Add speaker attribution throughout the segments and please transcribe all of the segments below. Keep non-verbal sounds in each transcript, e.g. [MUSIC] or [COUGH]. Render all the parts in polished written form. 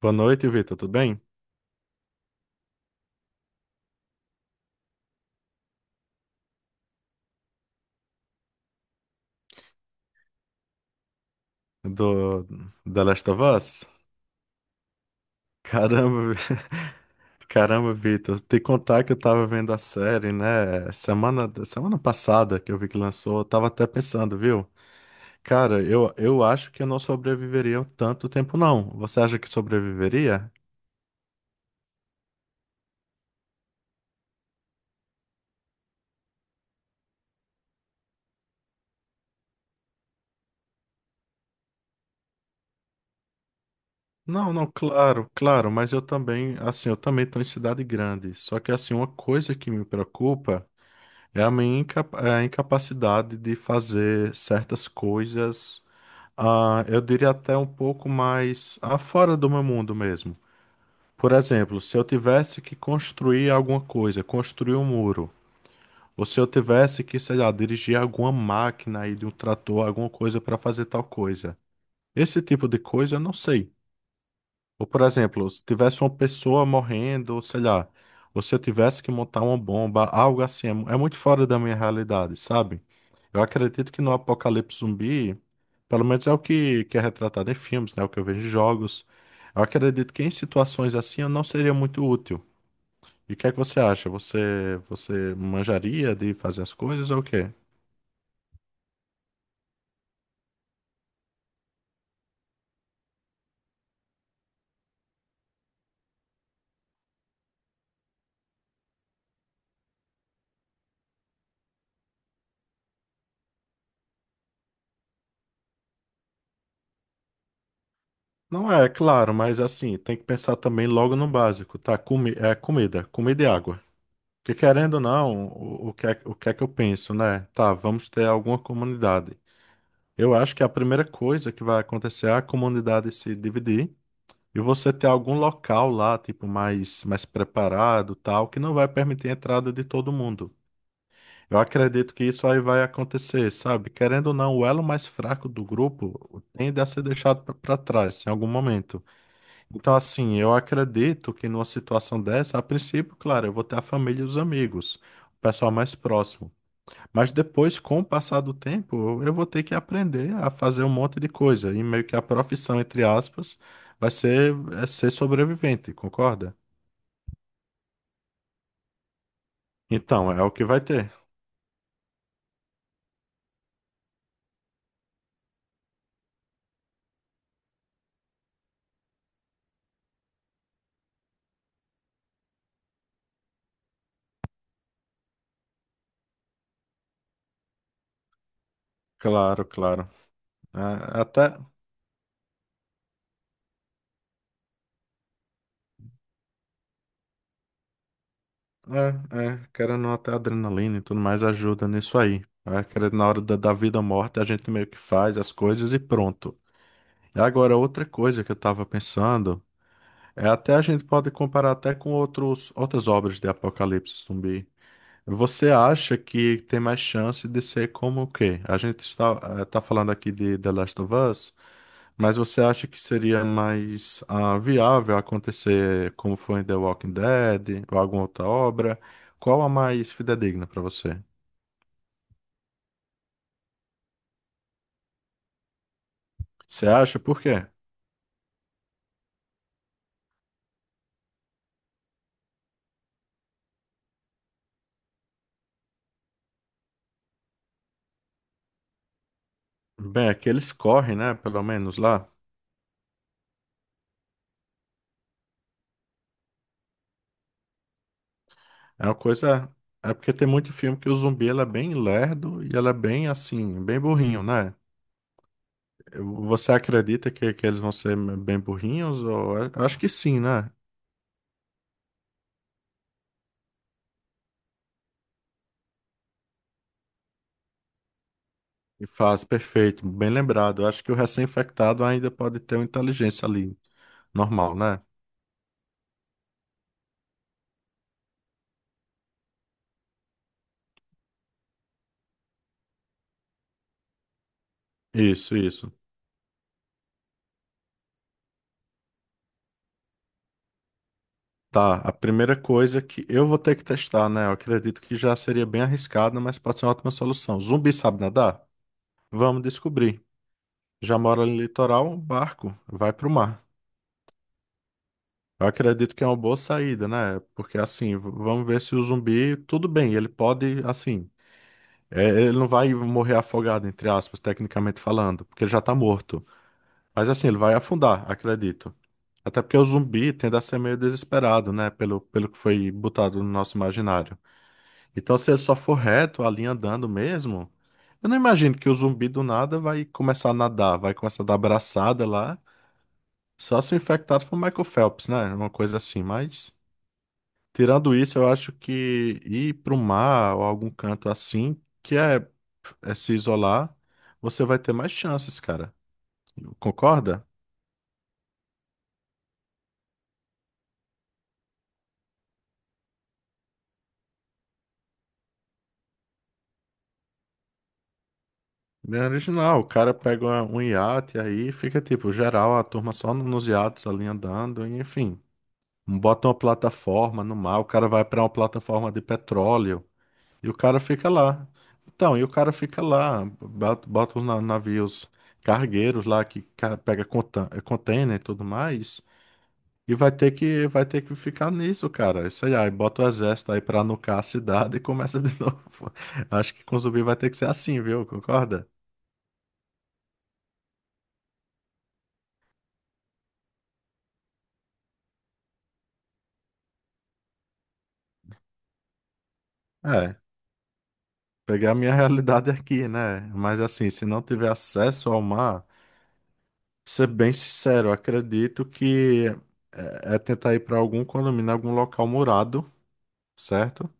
Speaker 1: Boa noite, Vitor. Tudo bem? Do The Last of Us? Caramba, [LAUGHS] caramba, Vitor. Te contar que eu tava vendo a série, né? Semana passada que eu vi que lançou, eu tava até pensando, viu? Cara, eu acho que eu não sobreviveria um tanto tempo, não. Você acha que sobreviveria? Não, não, claro, claro, mas eu também, assim, eu também tô em cidade grande. Só que, assim, uma coisa que me preocupa. É a incapacidade de fazer certas coisas, eu diria até um pouco mais fora do meu mundo mesmo. Por exemplo, se eu tivesse que construir alguma coisa, construir um muro, ou se eu tivesse que, sei lá, dirigir alguma máquina aí de um trator, alguma coisa para fazer tal coisa. Esse tipo de coisa eu não sei. Ou, por exemplo, se tivesse uma pessoa morrendo, ou sei lá, ou se eu tivesse que montar uma bomba, algo assim, é muito fora da minha realidade, sabe? Eu acredito que no apocalipse zumbi, pelo menos é o que é retratado em filmes, né? O que eu vejo em jogos. Eu acredito que em situações assim eu não seria muito útil. E o que é que você acha? Você manjaria de fazer as coisas ou o quê? Não é, é claro, mas assim, tem que pensar também logo no básico, tá? Comi é comida, comida e água. Porque querendo ou não, o que é que eu penso, né? Tá, vamos ter alguma comunidade. Eu acho que a primeira coisa que vai acontecer é a comunidade se dividir e você ter algum local lá, tipo, mais preparado, tal, que não vai permitir a entrada de todo mundo. Eu acredito que isso aí vai acontecer, sabe? Querendo ou não, o elo mais fraco do grupo tende a ser deixado para trás em algum momento. Então, assim, eu acredito que numa situação dessa, a princípio, claro, eu vou ter a família e os amigos, o pessoal mais próximo. Mas depois, com o passar do tempo, eu vou ter que aprender a fazer um monte de coisa. E meio que a profissão, entre aspas, vai ser, é ser sobrevivente, concorda? Então, é o que vai ter. Claro, claro. É, até, é, querendo ou não, até a adrenalina e tudo mais ajuda nisso aí. É, querendo, na hora da vida ou morte, a gente meio que faz as coisas e pronto. Agora, outra coisa que eu estava pensando é até a gente pode comparar até com outras obras de apocalipse zumbi. Você acha que tem mais chance de ser como o quê? A gente tá falando aqui de The Last of Us, mas você acha que seria mais viável acontecer como foi em The Walking Dead ou alguma outra obra? Qual a mais fidedigna para você? Você acha por quê? Bem, aqueles correm, né? Pelo menos lá. É uma coisa. É porque tem muito filme que o zumbi ele é bem lerdo e ele é bem assim, bem burrinho, né? Você acredita que eles vão ser bem burrinhos? Ou... eu acho que sim, né? E faz, perfeito, bem lembrado. Eu acho que o recém-infectado ainda pode ter uma inteligência ali, normal, né? Isso, isso. Tá, a primeira coisa que eu vou ter que testar, né? Eu acredito que já seria bem arriscado, mas pode ser uma ótima solução. Zumbi sabe nadar? Vamos descobrir. Já mora no litoral, barco, vai pro mar. Eu acredito que é uma boa saída, né? Porque assim, vamos ver se o zumbi, tudo bem, ele pode, assim, é, ele não vai morrer afogado, entre aspas, tecnicamente falando, porque ele já tá morto. Mas assim, ele vai afundar, acredito. Até porque o zumbi tende a ser meio desesperado, né? Pelo que foi botado no nosso imaginário. Então, se ele só for reto, a linha andando mesmo, eu não imagino que o zumbi do nada vai começar a nadar, vai começar a dar braçada lá. Só se o infectado for o Michael Phelps, né? Uma coisa assim, mas. Tirando isso, eu acho que ir para o mar ou algum canto assim, que é, é se isolar, você vai ter mais chances, cara. Concorda? Bem original, o cara pega um iate aí, fica tipo, geral, a turma só nos iates ali andando, e, enfim. Bota uma plataforma no mar, o cara vai para uma plataforma de petróleo e o cara fica lá. Então, e o cara fica lá, bota os navios cargueiros lá pega container e tudo mais. E vai ter que ficar nisso, cara. Isso aí, aí bota o exército aí pra nucar a cidade e começa de [LAUGHS] novo. Acho que com zumbi vai ter que ser assim, viu? Concorda? É, pegar a minha [LAUGHS] realidade aqui, né? Mas assim, se não tiver acesso ao mar, pra ser bem sincero, eu acredito que é tentar ir pra algum condomínio, algum local murado, certo?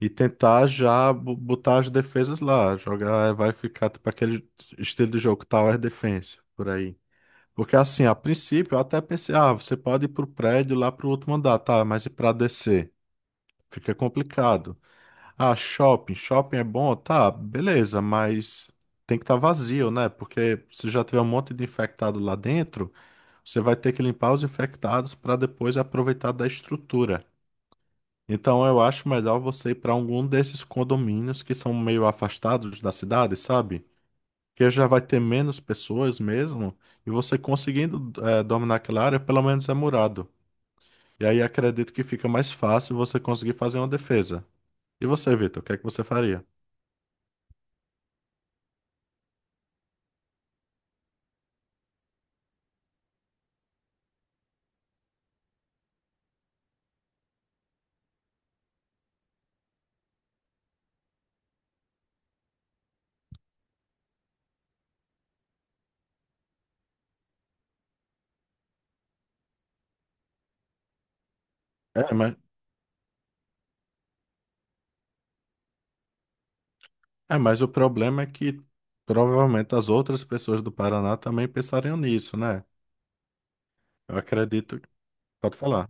Speaker 1: E tentar já botar as defesas lá. Jogar, vai ficar tipo aquele estilo de jogo Tower Defense, por aí. Porque assim, a princípio eu até pensei, ah, você pode ir pro prédio lá pro outro andar, tá, mas e pra descer? Fica complicado. Ah, shopping é bom, tá, beleza, mas tem que estar vazio, né? Porque se já tiver um monte de infectado lá dentro, você vai ter que limpar os infectados para depois aproveitar da estrutura. Então eu acho melhor você ir para algum desses condomínios que são meio afastados da cidade, sabe? Que já vai ter menos pessoas mesmo, e você conseguindo dominar aquela área, pelo menos é murado. E aí acredito que fica mais fácil você conseguir fazer uma defesa. E você, Vitor, o que é que você faria? É, mas, é, mas o problema é que provavelmente as outras pessoas do Paraná também pensariam nisso, né? Eu acredito. Pode falar.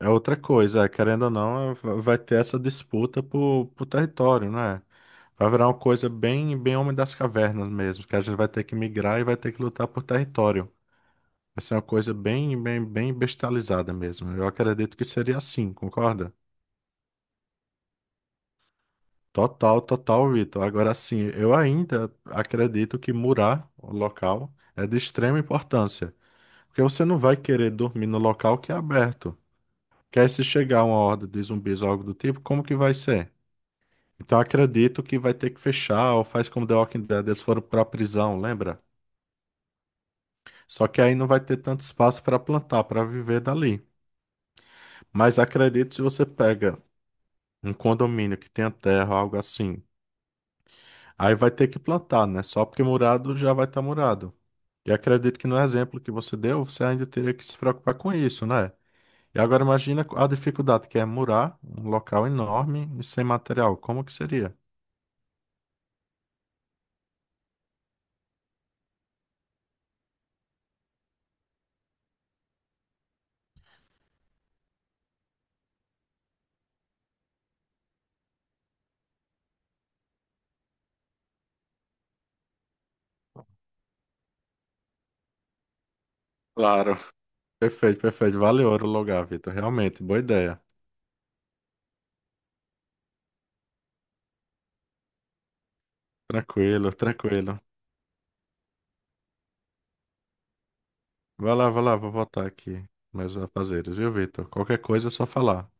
Speaker 1: É outra coisa, é, querendo ou não, vai ter essa disputa por, território, né? Vai virar uma coisa bem, bem Homem das Cavernas mesmo, que a gente vai ter que migrar e vai ter que lutar por território. Vai ser uma coisa bem, bem, bem bestializada mesmo. Eu acredito que seria assim, concorda? Total, total, Vitor. Agora sim, eu ainda acredito que murar o local é de extrema importância, porque você não vai querer dormir no local que é aberto. Quer se chegar uma horda de zumbis ou algo do tipo, como que vai ser? Então acredito que vai ter que fechar, ou faz como The Walking Dead, eles foram pra prisão, lembra? Só que aí não vai ter tanto espaço para plantar, para viver dali. Mas acredito se você pega um condomínio que tenha terra, algo assim, aí vai ter que plantar, né? Só porque murado já vai estar murado. E acredito que no exemplo que você deu, você ainda teria que se preocupar com isso, né? E agora imagina a dificuldade que é murar um local enorme e sem material. Como que seria? Claro. Perfeito, perfeito. Valeu, o Lugar, Vitor. Realmente, boa ideia. Tranquilo, tranquilo. Vai lá, vou voltar aqui. Mais afazeres, viu, Vitor? Qualquer coisa é só falar.